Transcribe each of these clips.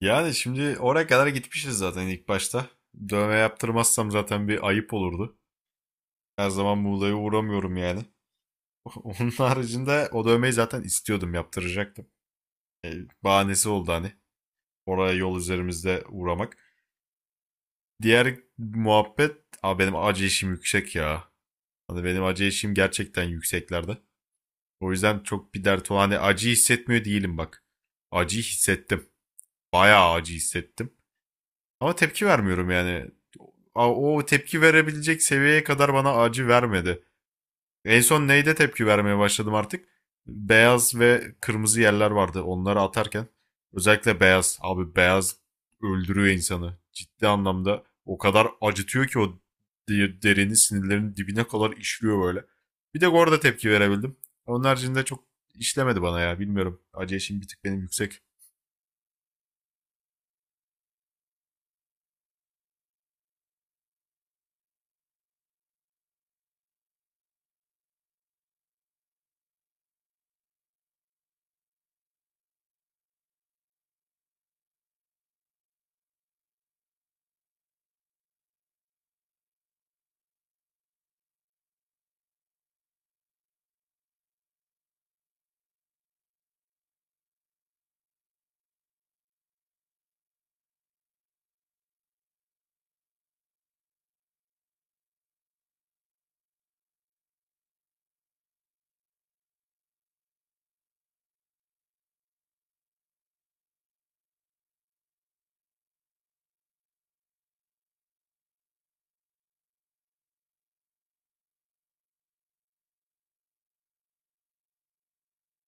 Yani şimdi oraya kadar gitmişiz zaten ilk başta. Dövme yaptırmazsam zaten bir ayıp olurdu. Her zaman Muğla'ya uğramıyorum yani. Onun haricinde o dövmeyi zaten istiyordum, yaptıracaktım. E, bahanesi oldu hani. Oraya yol üzerimizde uğramak. Diğer muhabbet, aa, benim acı işim yüksek ya. Hani benim acı işim gerçekten yükseklerde. O yüzden çok bir dert olan hani acı hissetmiyor değilim bak. Acı hissettim. Bayağı acı hissettim. Ama tepki vermiyorum yani. O tepki verebilecek seviyeye kadar bana acı vermedi. En son neyde tepki vermeye başladım artık? Beyaz ve kırmızı yerler vardı onları atarken. Özellikle beyaz. Abi beyaz öldürüyor insanı. Ciddi anlamda o kadar acıtıyor ki o derini sinirlerin dibine kadar işliyor böyle. Bir de orada tepki verebildim. Onun haricinde çok işlemedi bana ya bilmiyorum. Acı eşiğim bir tık benim yüksek.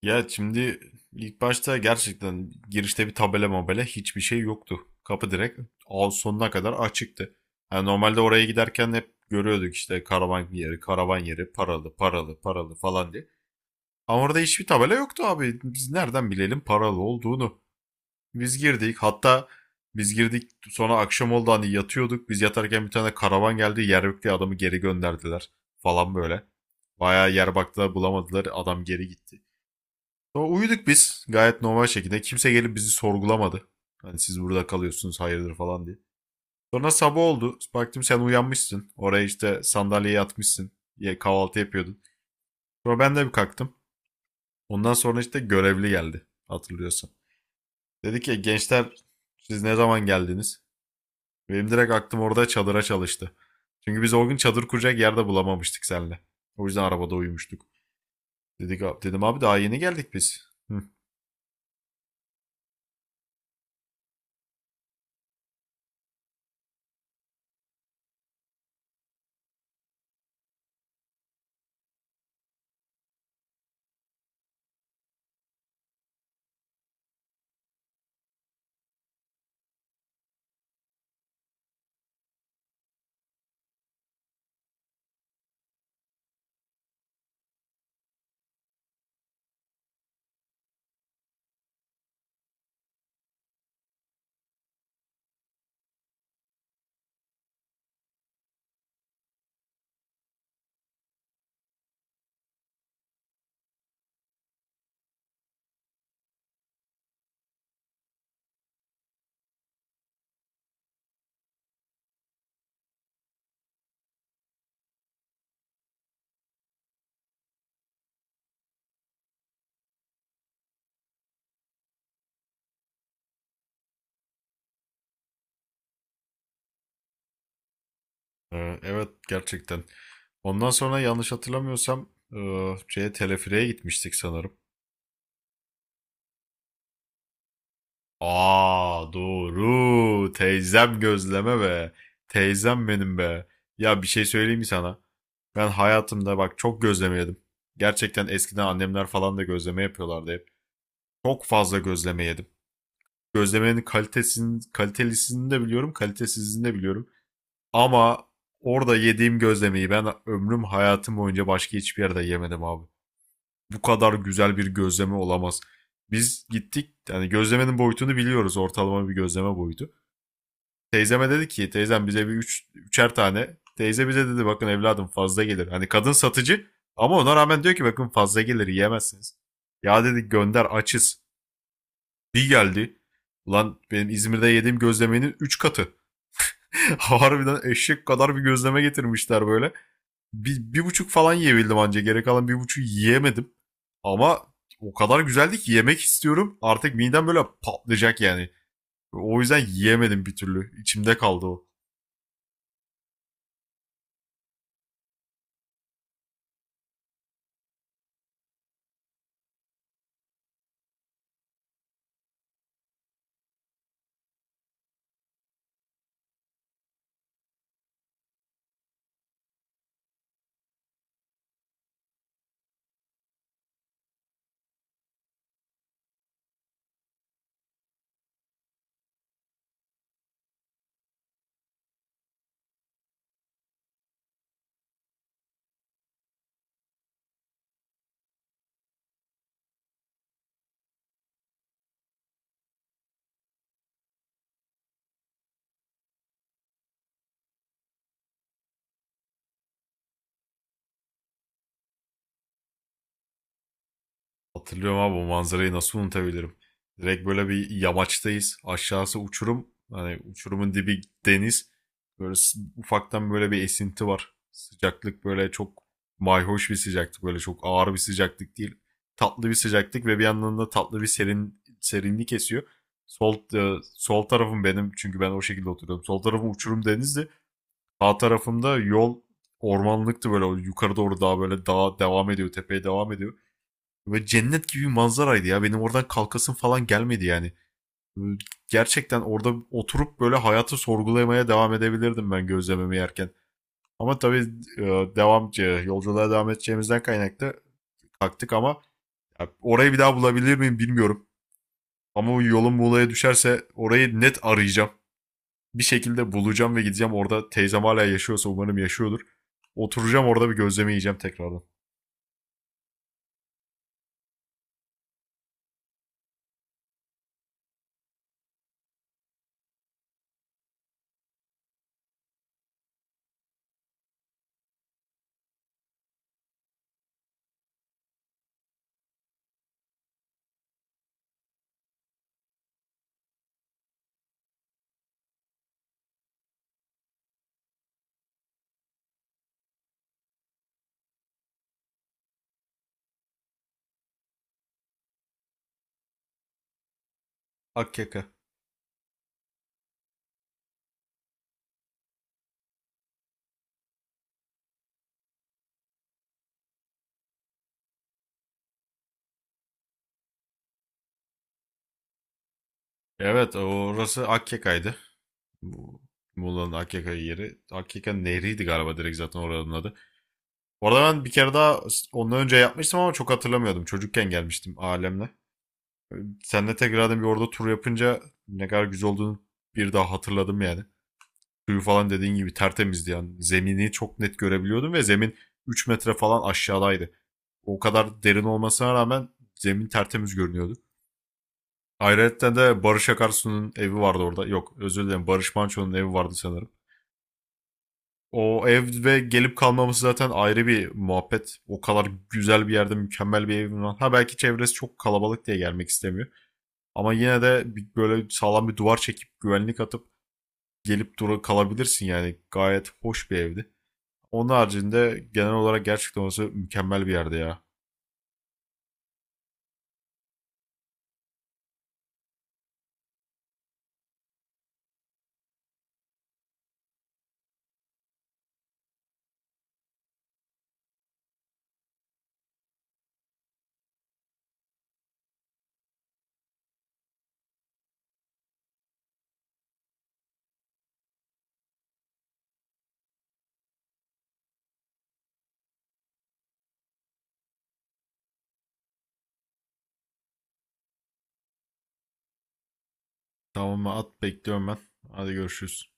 Ya şimdi ilk başta gerçekten girişte bir tabela mabela hiçbir şey yoktu. Kapı direkt ağ sonuna kadar açıktı. Yani normalde oraya giderken hep görüyorduk işte karavan yeri, karavan yeri, paralı, paralı, paralı falan diye. Ama orada hiçbir tabela yoktu abi. Biz nereden bilelim paralı olduğunu? Biz girdik. Hatta biz girdik sonra akşam oldu hani yatıyorduk. Biz yatarken bir tane karavan geldi. Yer yok diye adamı geri gönderdiler falan böyle. Bayağı yer baktılar bulamadılar. Adam geri gitti. Sonra uyuduk biz gayet normal şekilde. Kimse gelip bizi sorgulamadı. Hani siz burada kalıyorsunuz hayırdır falan diye. Sonra sabah oldu. Baktım sen uyanmışsın. Oraya işte sandalyeye yatmışsın. Kahvaltı yapıyordun. Sonra ben de bir kalktım. Ondan sonra işte görevli geldi. Hatırlıyorsan. Dedi ki gençler siz ne zaman geldiniz? Benim direkt aklım orada çadıra çalıştı. Çünkü biz o gün çadır kuracak yerde bulamamıştık seninle. O yüzden arabada uyumuştuk. Dedim abi daha yeni geldik biz. Hı. Evet gerçekten. Ondan sonra yanlış hatırlamıyorsam e, şeye telefireye gitmiştik sanırım. Aa doğru. Teyzem gözleme be. Teyzem benim be. Ya bir şey söyleyeyim mi sana? Ben hayatımda bak çok gözleme yedim. Gerçekten eskiden annemler falan da gözleme yapıyorlardı hep. Çok fazla gözleme yedim. Gözlemenin kalitesini, kalitelisini de biliyorum, kalitesizini de biliyorum. Ama orada yediğim gözlemeyi ben ömrüm hayatım boyunca başka hiçbir yerde yemedim abi. Bu kadar güzel bir gözleme olamaz. Biz gittik yani gözlemenin boyutunu biliyoruz ortalama bir gözleme boyutu. Teyzeme dedi ki teyzem bize üçer tane. Teyze bize dedi bakın evladım fazla gelir. Hani kadın satıcı ama ona rağmen diyor ki bakın fazla gelir yiyemezsiniz. Ya dedi gönder açız. Bir geldi. Ulan benim İzmir'de yediğim gözlemenin 3 katı. Harbiden eşek kadar bir gözleme getirmişler böyle. Bir, bir buçuk falan yiyebildim anca. Geri kalan bir buçuk yiyemedim. Ama o kadar güzeldi ki yemek istiyorum. Artık midem böyle patlayacak yani. O yüzden yiyemedim bir türlü. İçimde kaldı o. Hatırlıyorum abi bu manzarayı nasıl unutabilirim. Direkt böyle bir yamaçtayız. Aşağısı uçurum. Hani uçurumun dibi deniz. Böyle ufaktan böyle bir esinti var. Sıcaklık böyle çok mayhoş bir sıcaklık. Böyle çok ağır bir sıcaklık değil. Tatlı bir sıcaklık ve bir yandan da tatlı bir serin serinlik esiyor. Sol tarafım benim çünkü ben o şekilde oturuyorum. Sol tarafım uçurum denizdi. Sağ tarafımda yol ormanlıktı böyle yukarı doğru daha böyle dağa devam ediyor, tepeye devam ediyor. Böyle cennet gibi bir manzaraydı ya. Benim oradan kalkasım falan gelmedi yani. Gerçekten orada oturup böyle hayatı sorgulamaya devam edebilirdim ben gözlememi yerken. Ama tabii e, yolculuğa devam edeceğimizden kaynaklı kalktık ama ya, orayı bir daha bulabilir miyim bilmiyorum. Ama o yolum Muğla'ya düşerse orayı net arayacağım. Bir şekilde bulacağım ve gideceğim orada. Teyzem hala yaşıyorsa umarım yaşıyordur. Oturacağım orada bir gözleme yiyeceğim tekrardan. Akyaka. Evet orası Akyaka'ydı. Bu- Muğla'nın Akyaka yeri. Akyaka nehriydi galiba direkt zaten oranın adı. Orada ben bir kere daha ondan önce yapmıştım ama çok hatırlamıyordum. Çocukken gelmiştim ailemle. Seninle tekrardan bir orada tur yapınca ne kadar güzel olduğunu bir daha hatırladım yani. Suyu falan dediğin gibi tertemizdi yani. Zemini çok net görebiliyordum ve zemin 3 metre falan aşağıdaydı. O kadar derin olmasına rağmen zemin tertemiz görünüyordu. Ayrıca de Barış Akarsu'nun evi vardı orada. Yok özür dilerim Barış Manço'nun evi vardı sanırım. O ev ve gelip kalmaması zaten ayrı bir muhabbet. O kadar güzel bir yerde mükemmel bir evim var. Ha belki çevresi çok kalabalık diye gelmek istemiyor. Ama yine de böyle sağlam bir duvar çekip güvenlik atıp gelip dura kalabilirsin yani. Gayet hoş bir evdi. Onun haricinde genel olarak gerçekten orası mükemmel bir yerde ya. Tamam mı? At bekliyorum ben. Hadi görüşürüz.